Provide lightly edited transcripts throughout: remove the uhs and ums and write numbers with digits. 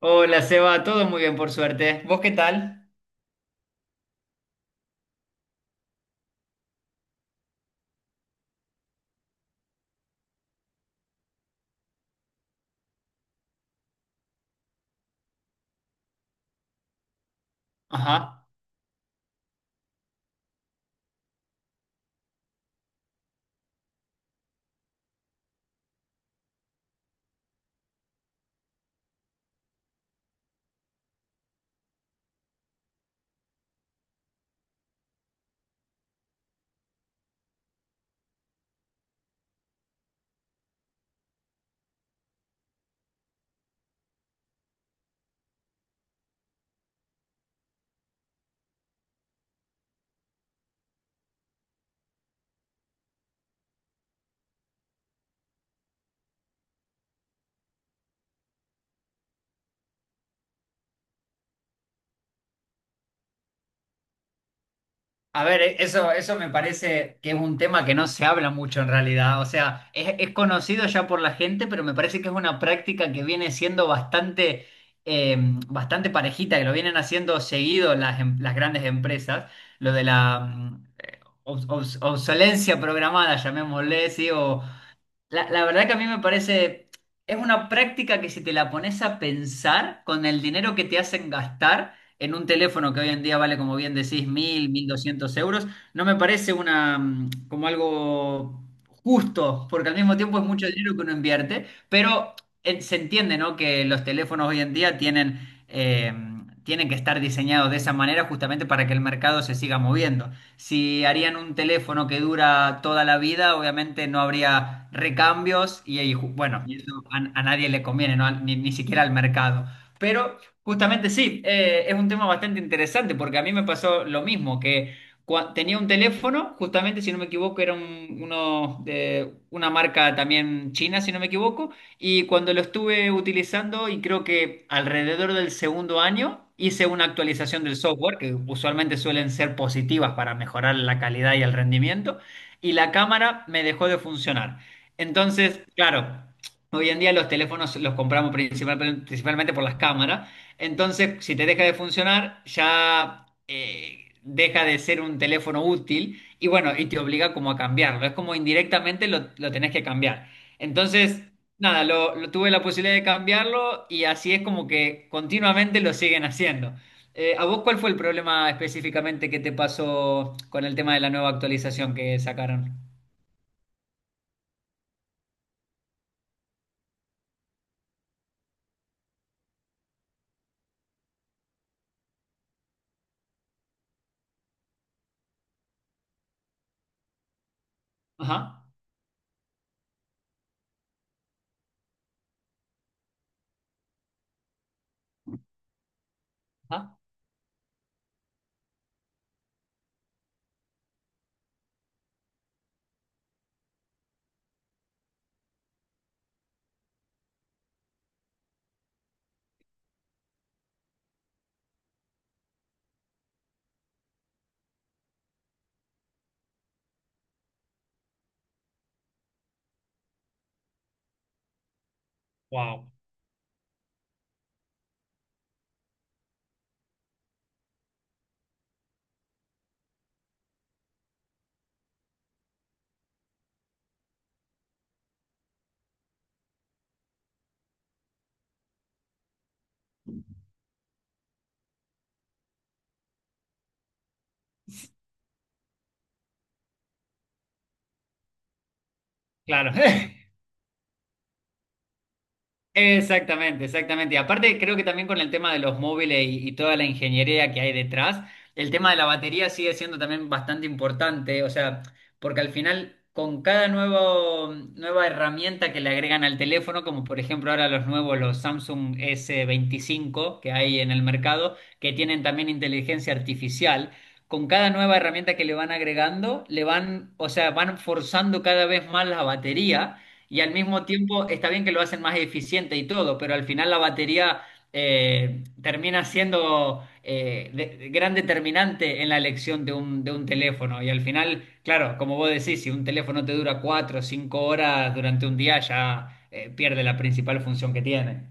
Hola, Seba, todo muy bien por suerte. ¿Vos qué tal? Ajá. A ver, eso me parece que es un tema que no se habla mucho en realidad. O sea, es conocido ya por la gente, pero me parece que es una práctica que viene siendo bastante, eh, bastante parejita, que lo vienen haciendo seguido las grandes empresas. Lo de la obsolencia programada, llamémosle, ¿sí? La verdad que a mí me parece, es una práctica que si te la pones a pensar con el dinero que te hacen gastar en un teléfono que hoy en día vale, como bien decís, mil, 1.200 euros, no me parece una, como algo justo, porque al mismo tiempo es mucho dinero que uno invierte, pero se entiende, ¿no? Que los teléfonos hoy en día eh, tienen que estar diseñados de esa manera justamente para que el mercado se siga moviendo. Si harían un teléfono que dura toda la vida, obviamente no habría recambios y bueno, y eso a nadie le conviene, ¿no? Ni siquiera al mercado. Pero justamente sí, es un tema bastante interesante porque a mí me pasó lo mismo, que tenía un teléfono, justamente si no me equivoco, era una marca también china, si no me equivoco, y cuando lo estuve utilizando y creo que alrededor del segundo año hice una actualización del software, que usualmente suelen ser positivas para mejorar la calidad y el rendimiento, y la cámara me dejó de funcionar. Entonces, claro, hoy en día los teléfonos los compramos principalmente por las cámaras, entonces si te deja de funcionar ya, deja de ser un teléfono útil y bueno, y te obliga como a cambiarlo, es como indirectamente lo tenés que cambiar. Entonces, nada, tuve la posibilidad de cambiarlo y así es como que continuamente lo siguen haciendo. ¿A vos cuál fue el problema específicamente que te pasó con el tema de la nueva actualización que sacaron? Ajá, ajá. Wow, claro. Exactamente, exactamente. Y aparte, creo que también con el tema de los móviles y toda la ingeniería que hay detrás, el tema de la batería sigue siendo también bastante importante, o sea, porque al final, con cada nuevo, nueva herramienta que le agregan al teléfono, como por ejemplo ahora los nuevos, los Samsung S25 que hay en el mercado, que tienen también inteligencia artificial, con cada nueva herramienta que le van agregando, le van, o sea, van forzando cada vez más la batería. Y al mismo tiempo está bien que lo hacen más eficiente y todo, pero al final la batería termina siendo gran determinante en la elección de un teléfono. Y al final, claro, como vos decís, si un teléfono te dura 4 o 5 horas durante un día, ya pierde la principal función que tiene.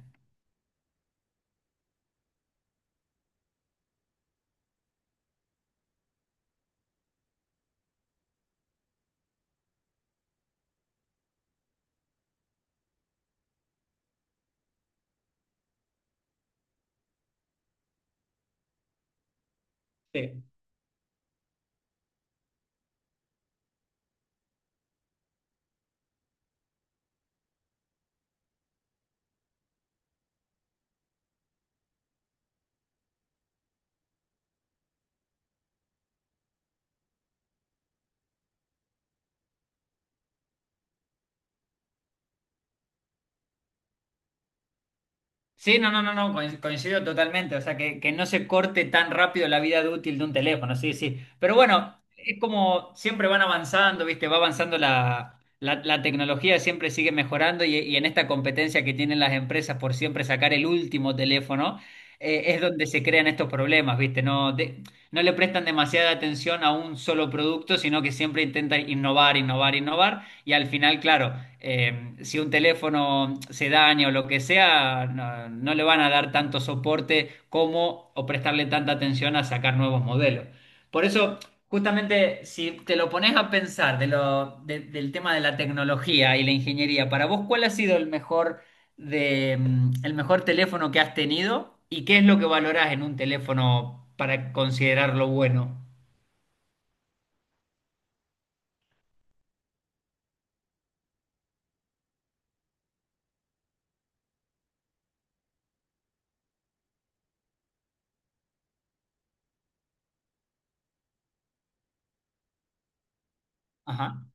Sí. Sí, no, no, no, no, coincido totalmente. O sea, que no se corte tan rápido la vida de útil de un teléfono, sí, sí. Pero bueno, es como siempre van avanzando, ¿viste? Va avanzando la tecnología, siempre sigue mejorando y en esta competencia que tienen las empresas por siempre sacar el último teléfono, es donde se crean estos problemas, ¿viste? No, no le prestan demasiada atención a un solo producto, sino que siempre intentan innovar, innovar, innovar. Y al final, claro, si un teléfono se daña o lo que sea, no, no le van a dar tanto soporte como o prestarle tanta atención a sacar nuevos modelos. Por eso, justamente, si te lo pones a pensar del tema de la tecnología y la ingeniería, para vos, ¿cuál ha sido el mejor el mejor teléfono que has tenido? ¿Y qué es lo que valorás en un teléfono para considerarlo bueno? Ajá.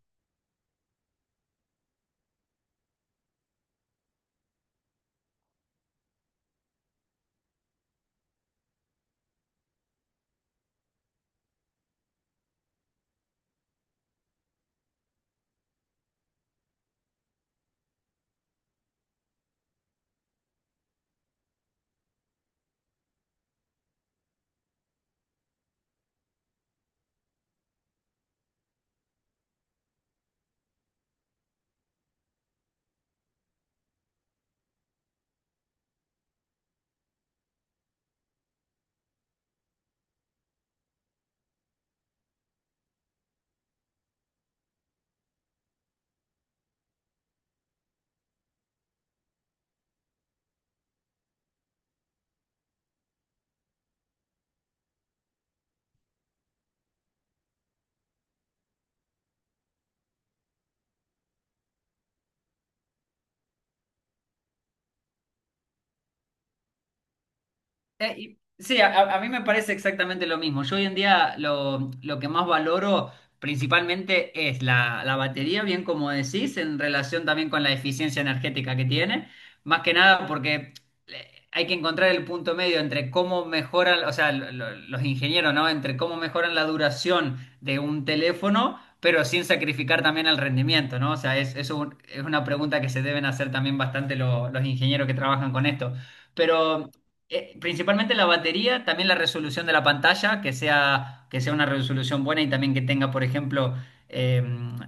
Sí, mí me parece exactamente lo mismo. Yo hoy en día lo que más valoro principalmente es la batería, bien como decís, en relación también con la eficiencia energética que tiene. Más que nada porque hay que encontrar el punto medio entre cómo mejoran, o sea, los ingenieros, ¿no? Entre cómo mejoran la duración de un teléfono, pero sin sacrificar también el rendimiento, ¿no? O sea, es una pregunta que se deben hacer también bastante los ingenieros que trabajan con esto. Pero principalmente la batería, también la resolución de la pantalla, que sea una resolución buena y también que tenga, por ejemplo, eh,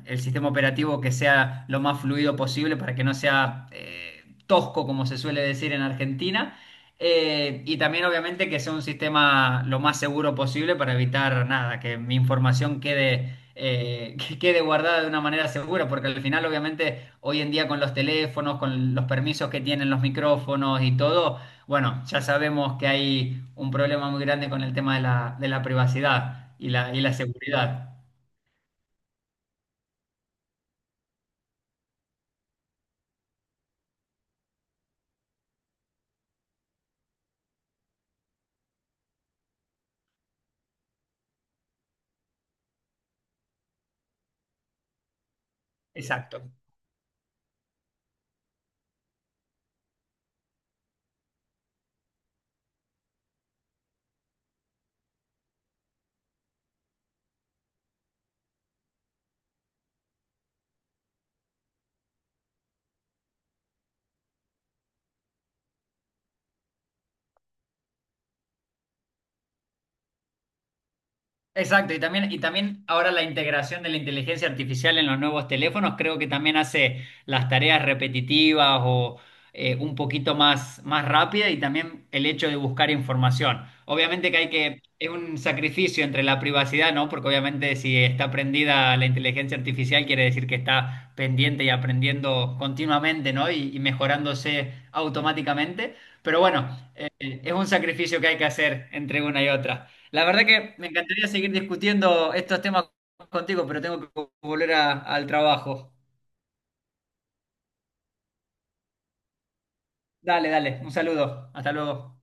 el sistema operativo que sea lo más fluido posible para que no sea tosco, como se suele decir en Argentina. Y también, obviamente, que sea un sistema lo más seguro posible para evitar nada, que mi información quede, que quede guardada de una manera segura, porque al final, obviamente, hoy en día con los teléfonos, con los permisos que tienen los micrófonos y todo, bueno, ya sabemos que hay un problema muy grande con el tema de la privacidad y la seguridad. Exacto. Exacto, y también ahora la integración de la inteligencia artificial en los nuevos teléfonos creo que también hace las tareas repetitivas o un poquito más rápida y también el hecho de buscar información. Obviamente que hay que, es un sacrificio entre la privacidad, ¿no? Porque obviamente si está prendida la inteligencia artificial quiere decir que está pendiente y aprendiendo continuamente, ¿no? Y mejorándose automáticamente. Pero bueno, es un sacrificio que hay que hacer entre una y otra. La verdad que me encantaría seguir discutiendo estos temas contigo, pero tengo que volver al trabajo. Dale, dale, un saludo. Hasta luego.